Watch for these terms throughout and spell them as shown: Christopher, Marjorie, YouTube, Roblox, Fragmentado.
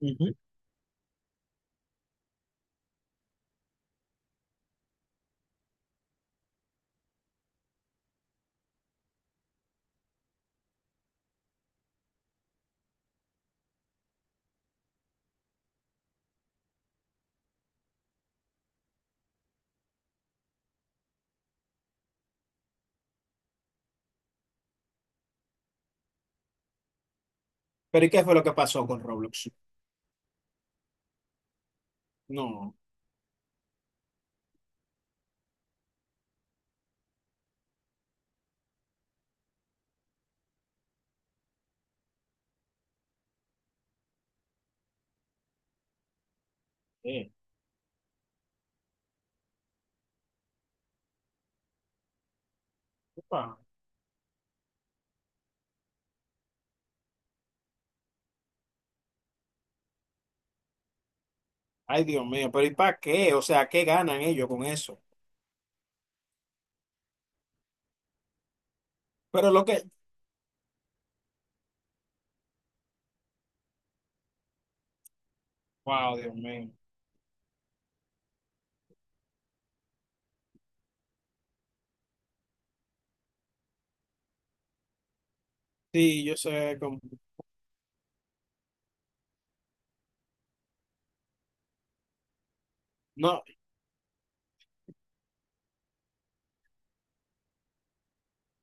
Ujú. Pero ¿y qué fue lo que pasó con Roblox? No, eh, upa. Ay, Dios mío, pero ¿y para qué? O sea, ¿qué ganan ellos con eso? Pero lo que, wow, Dios mío. Sí, yo sé cómo. No,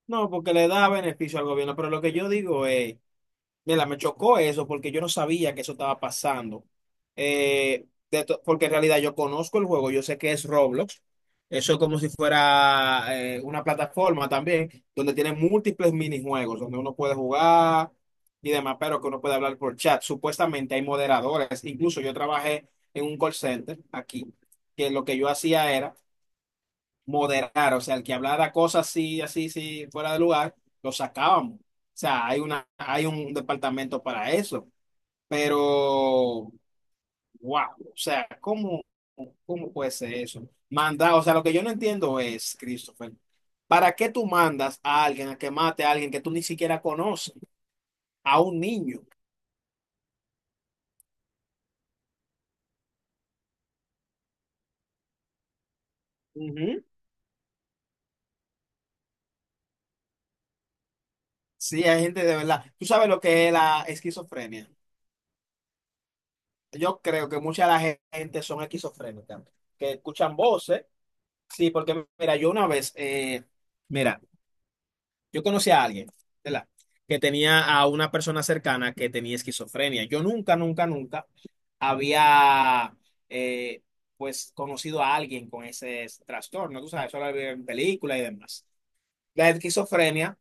No, porque le da beneficio al gobierno, pero lo que yo digo es, mira, me chocó eso porque yo no sabía que eso estaba pasando. De to- porque en realidad yo conozco el juego, yo sé que es Roblox. Eso es como si fuera una plataforma también, donde tiene múltiples minijuegos, donde uno puede jugar y demás, pero que uno puede hablar por chat. Supuestamente hay moderadores. Incluso yo trabajé en un call center aquí, que lo que yo hacía era moderar, o sea, el que hablara cosas así, así, sí, fuera de lugar, lo sacábamos. O sea, hay una, hay un departamento para eso. Pero, wow, o sea, ¿cómo, cómo puede ser eso? Mandar, o sea, lo que yo no entiendo es, Christopher, ¿para qué tú mandas a alguien a que mate a alguien que tú ni siquiera conoces, a un niño? Ujú. Sí, hay gente de verdad. ¿Tú sabes lo que es la esquizofrenia? Yo creo que mucha de la gente son esquizofrénicas, que escuchan voces. Sí, porque mira, yo una vez, mira, yo conocí a alguien, ¿verdad? Que tenía a una persona cercana que tenía esquizofrenia. Yo nunca, nunca, nunca había, eh, pues, conocido a alguien con ese trastorno, tú sabes, solo había en películas y demás. La esquizofrenia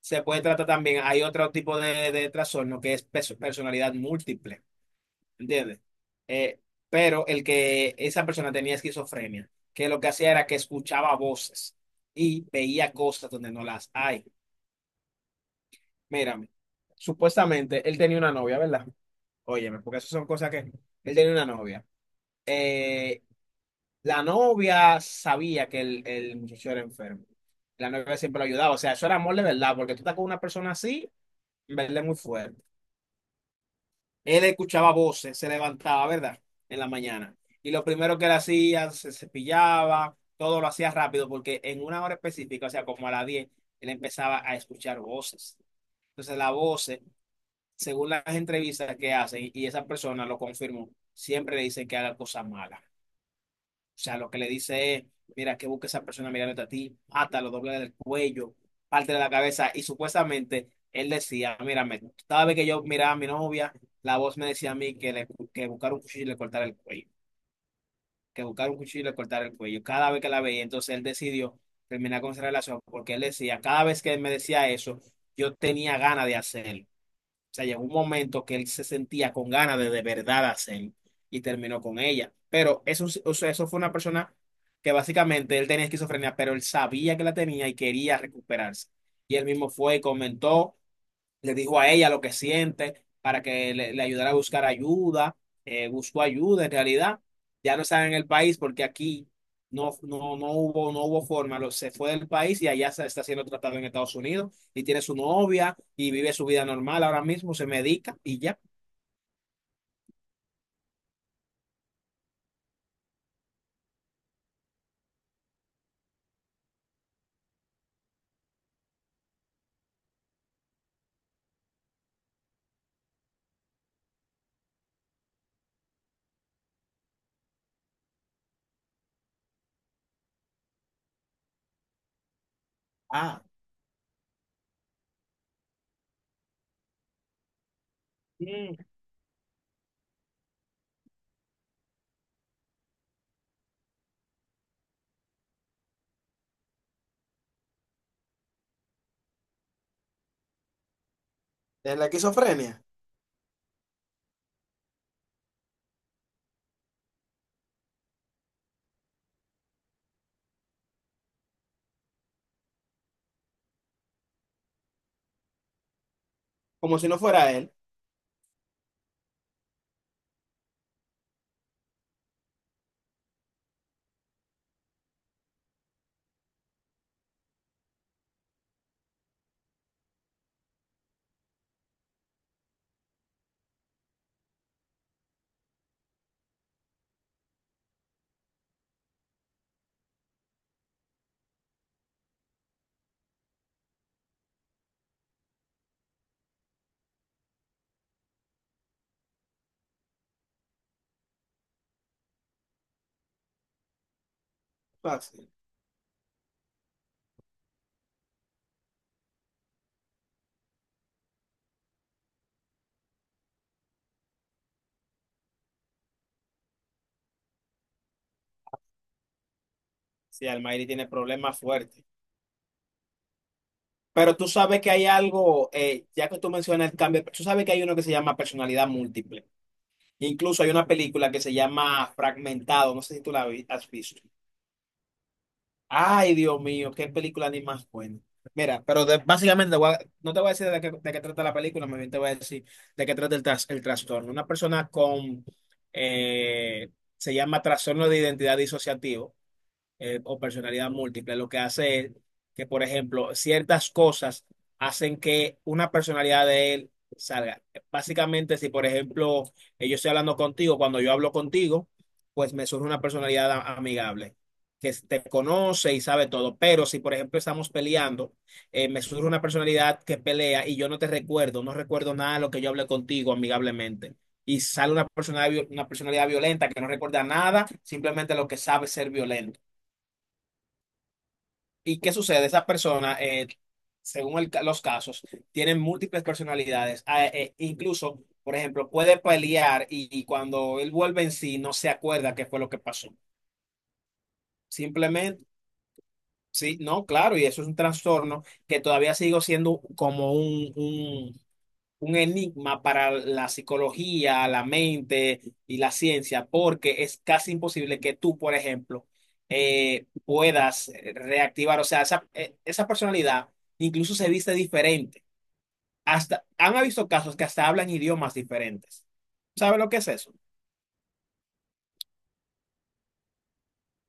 se puede tratar también, hay otro tipo de trastorno que es perso- personalidad múltiple. ¿Entiendes? Eh, pero el que esa persona tenía esquizofrenia, que lo que hacía era que escuchaba voces y veía cosas donde no las hay. Mírame, supuestamente él tenía una novia, ¿verdad? Óyeme, porque esas son cosas que él tenía una novia. Eh, la novia sabía que el muchacho era enfermo. La novia siempre lo ayudaba. O sea, eso era amor de verdad, porque tú estás con una persona así, en verdad es muy fuerte. Él escuchaba voces, se levantaba, ¿verdad? En la mañana. Y lo primero que él hacía, se cepillaba, todo lo hacía rápido, porque en una hora específica, o sea, como a las 10, él empezaba a escuchar voces. Entonces, las voces, según las entrevistas que hacen, y esa persona lo confirmó, siempre le dicen que haga cosas malas. O sea, lo que le dice es, mira, que busque esa persona mirándote a ti, lo doble del cuello, parte de la cabeza. Y supuestamente él decía, mírame, cada vez que yo miraba a mi novia, la voz me decía a mí que, le, que buscar un cuchillo y le cortara el cuello, que buscar un cuchillo y le cortara el cuello. Cada vez que la veía, entonces él decidió terminar con esa relación porque él decía, cada vez que él me decía eso, yo tenía ganas de hacerlo. O sea, llegó un momento que él se sentía con ganas de verdad hacerlo y terminó con ella. Pero eso, sí- o sea, eso fue una persona que básicamente él tenía esquizofrenia, pero él sabía que la tenía y quería recuperarse. Y él mismo fue y comentó, le dijo a ella lo que siente para que le ayudara a buscar ayuda, buscó ayuda en realidad, ya no está en el país porque aquí no, no, no hubo, no hubo forma, lo- se fue del país y allá se está siendo tratado en Estados Unidos y tiene su novia y vive su vida normal ahora mismo, se medica y ya. Ah. Mm. Es la esquizofrenia. Como si no fuera él. Fácil. Sí, Almairi tiene problemas fuertes. Pero tú sabes que hay algo, ya que tú mencionas el cambio, tú sabes que hay uno que se llama personalidad múltiple. Incluso hay una película que se llama Fragmentado, no sé si tú la vi- has visto. Ay, Dios mío, qué película ni más buena. Mira, pero de- básicamente voy a- no te voy a decir de qué trata la película, más bien te voy a decir de qué trata el, tras- el trastorno. Una persona con, eh, se llama trastorno de identidad disociativo o personalidad múltiple. Lo que hace es que, por ejemplo, ciertas cosas hacen que una personalidad de él salga. Básicamente, si por ejemplo yo estoy hablando contigo, cuando yo hablo contigo, pues me surge una personalidad a- amigable, que te conoce y sabe todo, pero si por ejemplo estamos peleando, me surge una personalidad que pelea y yo no te recuerdo, no recuerdo nada de lo que yo hablé contigo amigablemente y sale una personalidad violenta que no recuerda nada, simplemente lo que sabe ser violento. ¿Y qué sucede? Esas personas, según el ca- los casos, tienen múltiples personalidades. Ah, incluso, por ejemplo, puede pelear y cuando él vuelve en sí no se acuerda qué fue lo que pasó. Simplemente, sí, no, claro, y eso es un trastorno que todavía sigo siendo como un enigma para la psicología, la mente y la ciencia, porque es casi imposible que tú, por ejemplo, puedas reactivar, o sea, esa, esa personalidad incluso se viste diferente. Hasta, han visto casos que hasta hablan idiomas diferentes. ¿Sabe lo que es eso?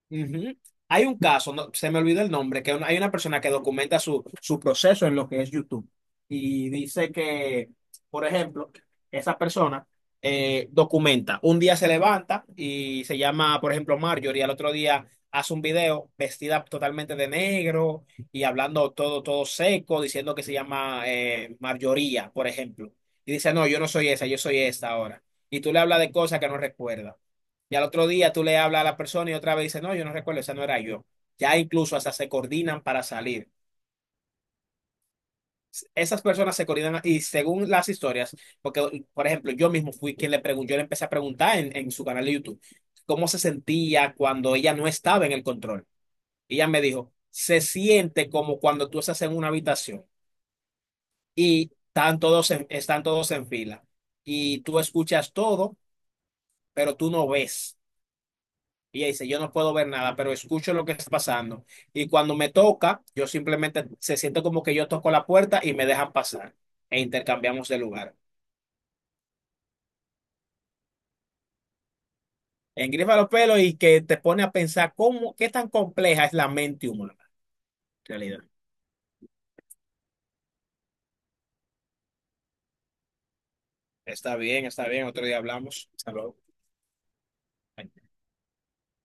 Ujú. Hay un caso, no- se me olvidó el nombre, que una- hay una persona que documenta su, su proceso en lo que es YouTube y dice que, por ejemplo, esa persona documenta, un día se levanta y se llama, por ejemplo, Marjorie, al otro día hace un video vestida totalmente de negro y hablando todo, todo seco, diciendo que se llama Marjoría, por ejemplo. Y dice, no, yo no soy esa, yo soy esta ahora. Y tú le hablas de cosas que no recuerda. Y al otro día tú le hablas a la persona y otra vez dice, no, yo no recuerdo, esa no era yo. Ya incluso hasta se coordinan para salir. Esas personas se coordinan y según las historias, porque por ejemplo, yo mismo fui quien le preguntó, yo le empecé a preguntar en su canal de YouTube cómo se sentía cuando ella no estaba en el control. Y ella me dijo, se siente como cuando tú estás en una habitación y están todos en fila y tú escuchas todo, pero tú no ves. Y ella dice, yo no puedo ver nada, pero escucho lo que está pasando. Y cuando me toca, yo simplemente se siente como que yo toco la puerta y me dejan pasar. E intercambiamos de lugar. Engrifa los pelos y que te pone a pensar cómo, qué tan compleja es la mente humana en realidad. Está bien, está bien. Otro día hablamos. Hasta luego. Bye.